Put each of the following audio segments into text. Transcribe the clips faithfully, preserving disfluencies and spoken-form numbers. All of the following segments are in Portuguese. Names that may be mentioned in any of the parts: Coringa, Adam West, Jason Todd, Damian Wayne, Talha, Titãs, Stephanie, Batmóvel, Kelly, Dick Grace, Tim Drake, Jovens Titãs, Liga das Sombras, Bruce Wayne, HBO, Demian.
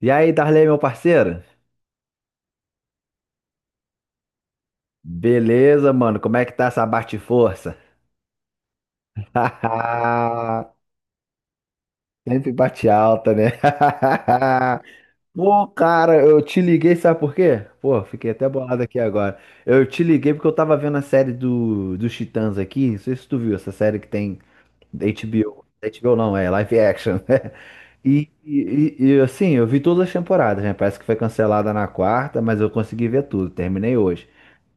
E aí, Darley, meu parceiro? Beleza, mano? Como é que tá essa bate-força? Sempre bate alta, né? Pô, cara, eu te liguei, sabe por quê? Pô, fiquei até bolado aqui agora. Eu te liguei porque eu tava vendo a série do, dos Titãs aqui. Não sei se tu viu essa série que tem da agá bê ó. agá bê ó não, é live action, né? E, e, e, e, assim, eu vi todas as temporadas, né? Parece que foi cancelada na quarta, mas eu consegui ver tudo. Terminei hoje.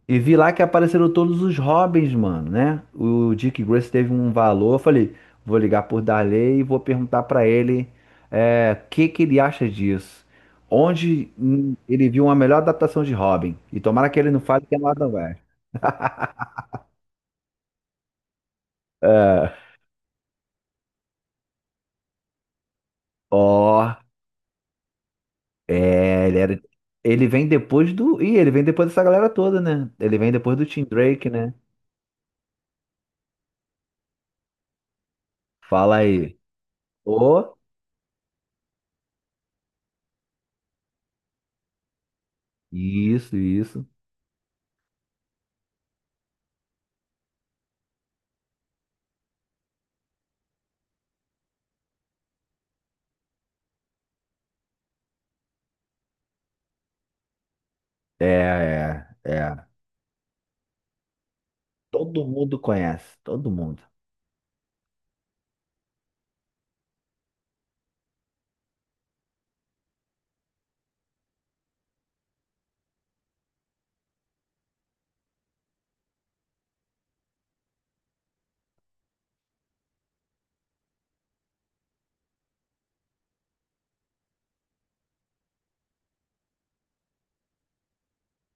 E vi lá que apareceram todos os Robins, mano, né? O Dick Grace teve um valor. Eu falei, vou ligar por Darley e vou perguntar pra ele é, o que que ele acha disso. Onde hum, ele viu uma melhor adaptação de Robin. E tomara que ele não fale que é no Adam West. É, ó, é, ele era- ele vem depois do. Ih, ele vem depois dessa galera toda, né? Ele vem depois do Tim Drake, né? Fala aí. Ô, isso, isso. É, é, é. Todo mundo conhece, todo mundo.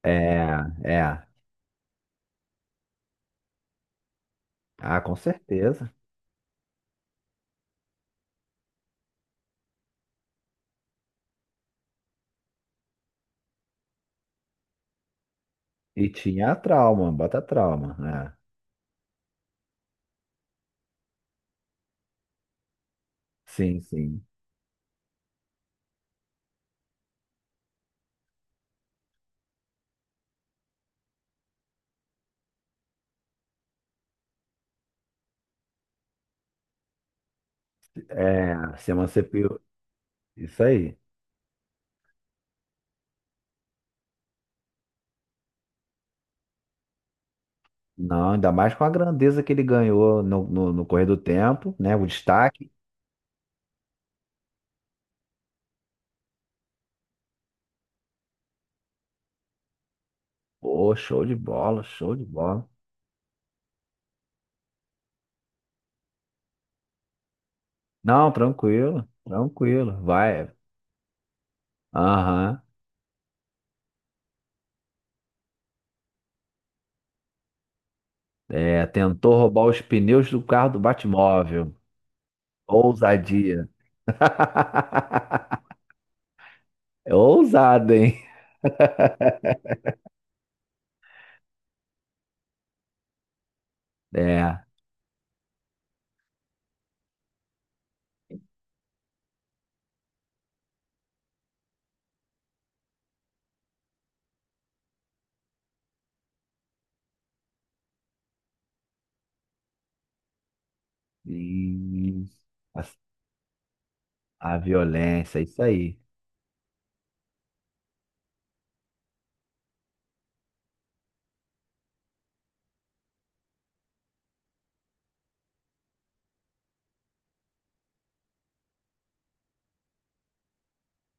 É, é. Ah, com certeza. E tinha a trauma, bota trauma, né? Sim, sim. É, se emancipou. Isso aí. Não, ainda mais com a grandeza que ele ganhou no, no, no correr do tempo, né? O destaque. Pô, show de bola, show de bola. Não, tranquilo, tranquilo. Vai. Aham. É, tentou roubar os pneus do carro do Batmóvel. Ousadia. É ousado, hein? É, e a, a violência, isso aí.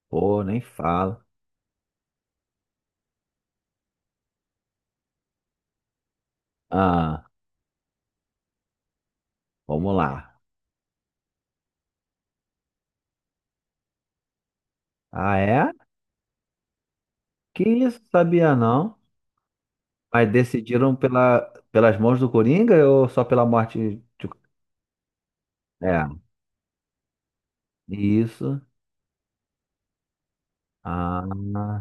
Pô, nem falo. Ah, vamos lá. Ah, é? Que isso, sabia não? Mas decidiram pela, pelas mãos do Coringa ou só pela morte de... É, isso. Ah,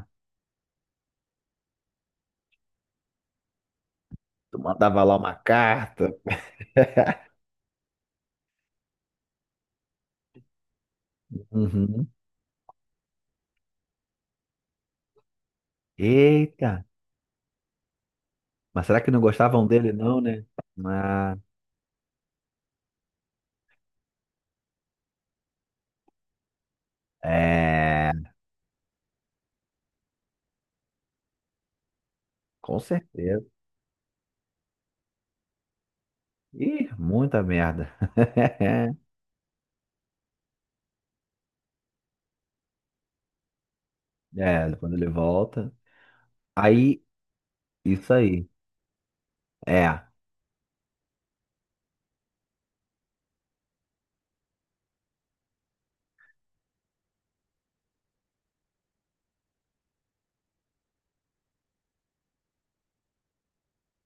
tu mandava lá uma carta. Uhum. Eita, mas será que não gostavam dele não, né? Ah, é, com certeza. Ih, muita merda. É, quando ele volta. Aí, isso aí. É.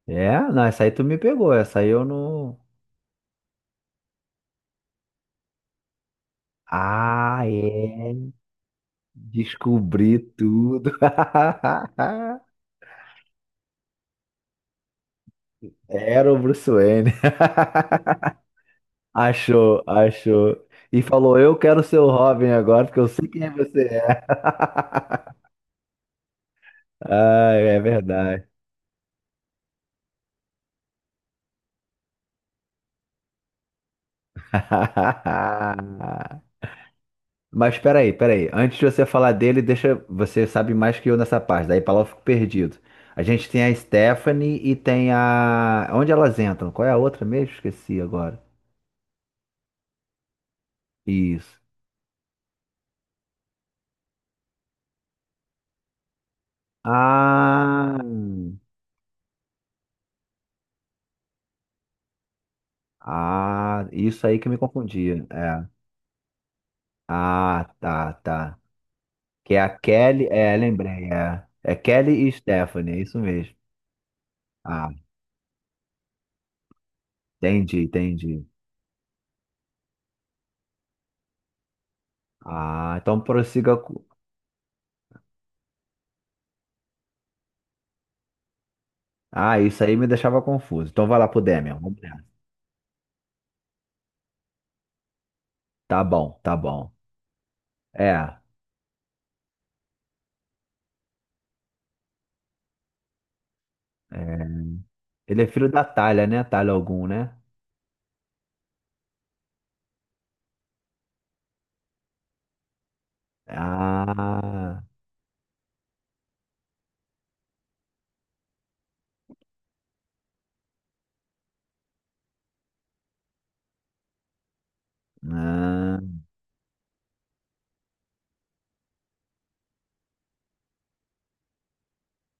É, não, essa aí tu me pegou. Essa aí eu não. Ah, é. Descobri tudo. Era o Bruce Wayne. Achou, achou. E falou: eu quero ser o Robin agora, porque eu sei quem é você. É. Ah, é verdade. Mas peraí, peraí. Antes de você falar dele, deixa. Você sabe mais que eu nessa parte. Daí pra lá eu fico perdido. A gente tem a Stephanie e tem a. Onde elas entram? Qual é a outra mesmo? Esqueci agora. Isso. Ah, ah, isso aí que me confundia. É. Ah, tá, tá. Que é a Kelly. É, lembrei. É, é Kelly e Stephanie, é isso mesmo. Ah, entendi, entendi. Ah, então prossiga. Com- Ah, isso aí me deixava confuso. Então vai lá pro Demian. Vamos Tá bom, tá bom. É, é. Ele é filho da Talha, né? Talha algum, né? Ah, ah,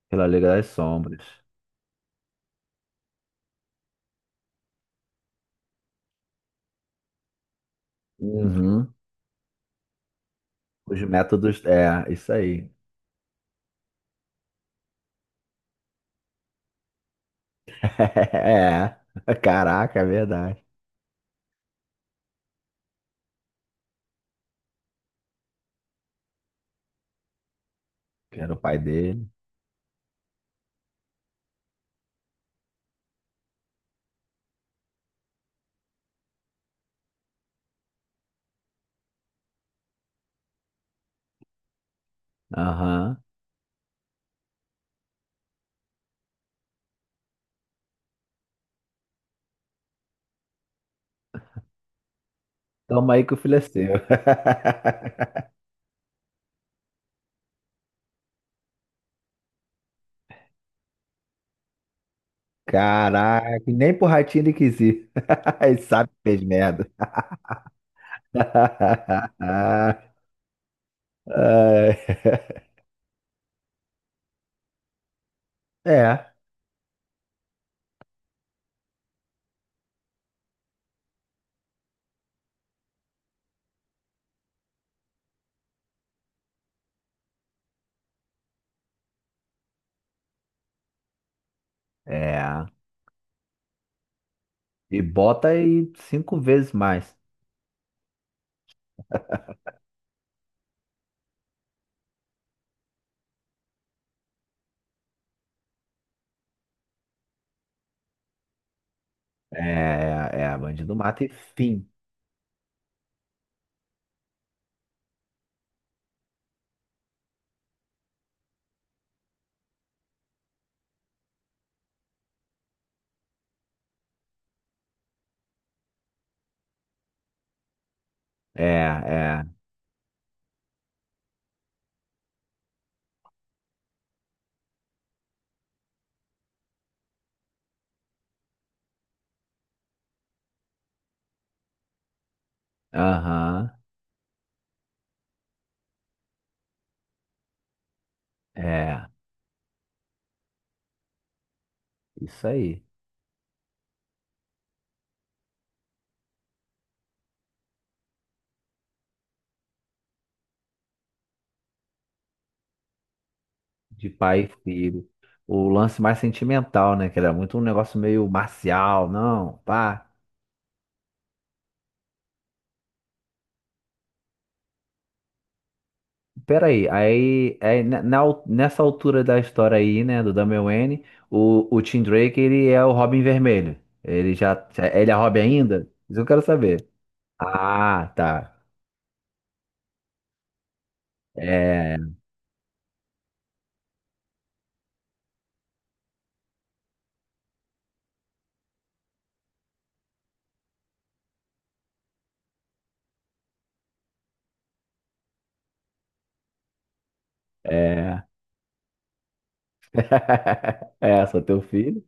pela Liga das Sombras. Uhum. Os métodos. É, isso aí. É. Caraca, é verdade. Que era o pai dele. Aham. Toma aí que o filho é seu. Caraca, nem pro ratinho ele quis ir. Ele sabe que fez merda. Ai. É, é. E bota aí cinco vezes mais. É, é, bandido mata e fim. É, é, aham, é, isso aí. De pai e filho. O lance mais sentimental, né? Que era muito um negócio meio marcial, não, pá. Peraí, aí, aí ne- na al- nessa altura da história aí, né, do Damian Wayne, o, o Tim Drake, ele é o Robin Vermelho. Ele já, já- ele é Robin ainda? Isso eu quero saber. Ah, tá. é É, É, sou teu filho.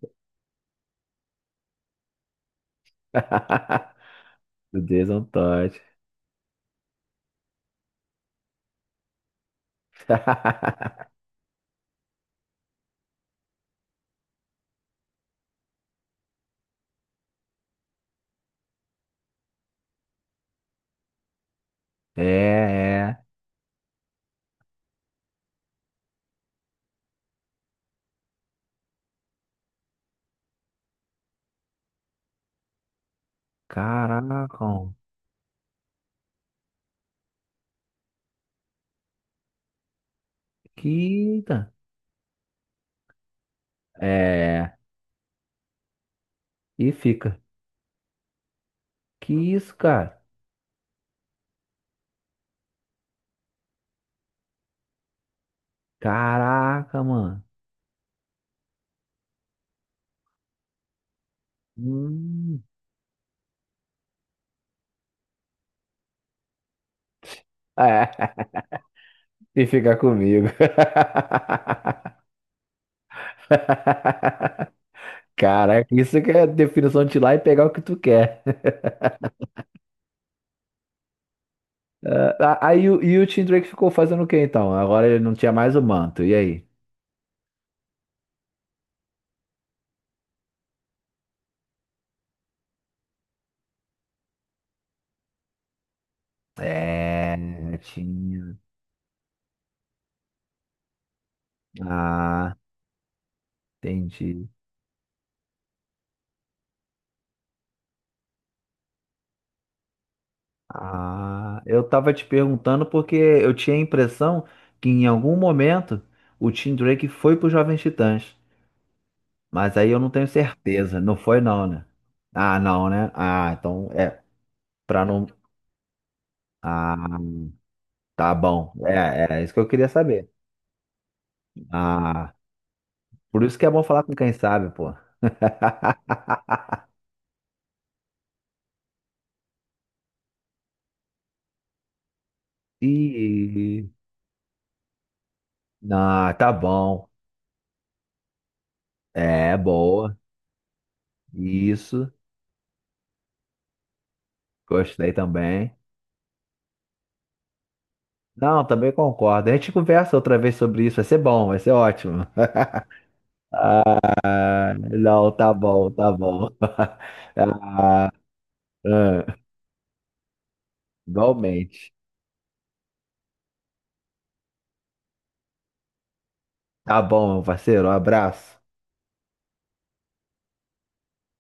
O Jason Todd. É, é. Caraca, mano. Que da- É. E fica. Que isso, cara? Caraca, mano. Hum. É. E fica comigo. Caraca, isso que é definição de ir lá e pegar o que tu quer. Ah, aí o- e o Tim Drake ficou fazendo o quê então? Agora ele não tinha mais o manto. E aí? É, tinha. Ah, entendi. Ah, eu tava te perguntando porque eu tinha a impressão que em algum momento o Tim Drake foi pro Jovens Titãs, mas aí eu não tenho certeza. Não foi não, né? Ah, não, né? Ah, então é pra não. Ah, tá bom. É, é isso que eu queria saber. Ah, por isso que é bom falar com quem sabe, pô. E ah, tá bom. É boa. Isso. Gostei também. Não, também concordo. A gente conversa outra vez sobre isso, vai ser bom, vai ser ótimo. Não, tá bom, tá bom. Ah, ah, igualmente. Tá bom, meu parceiro, um abraço.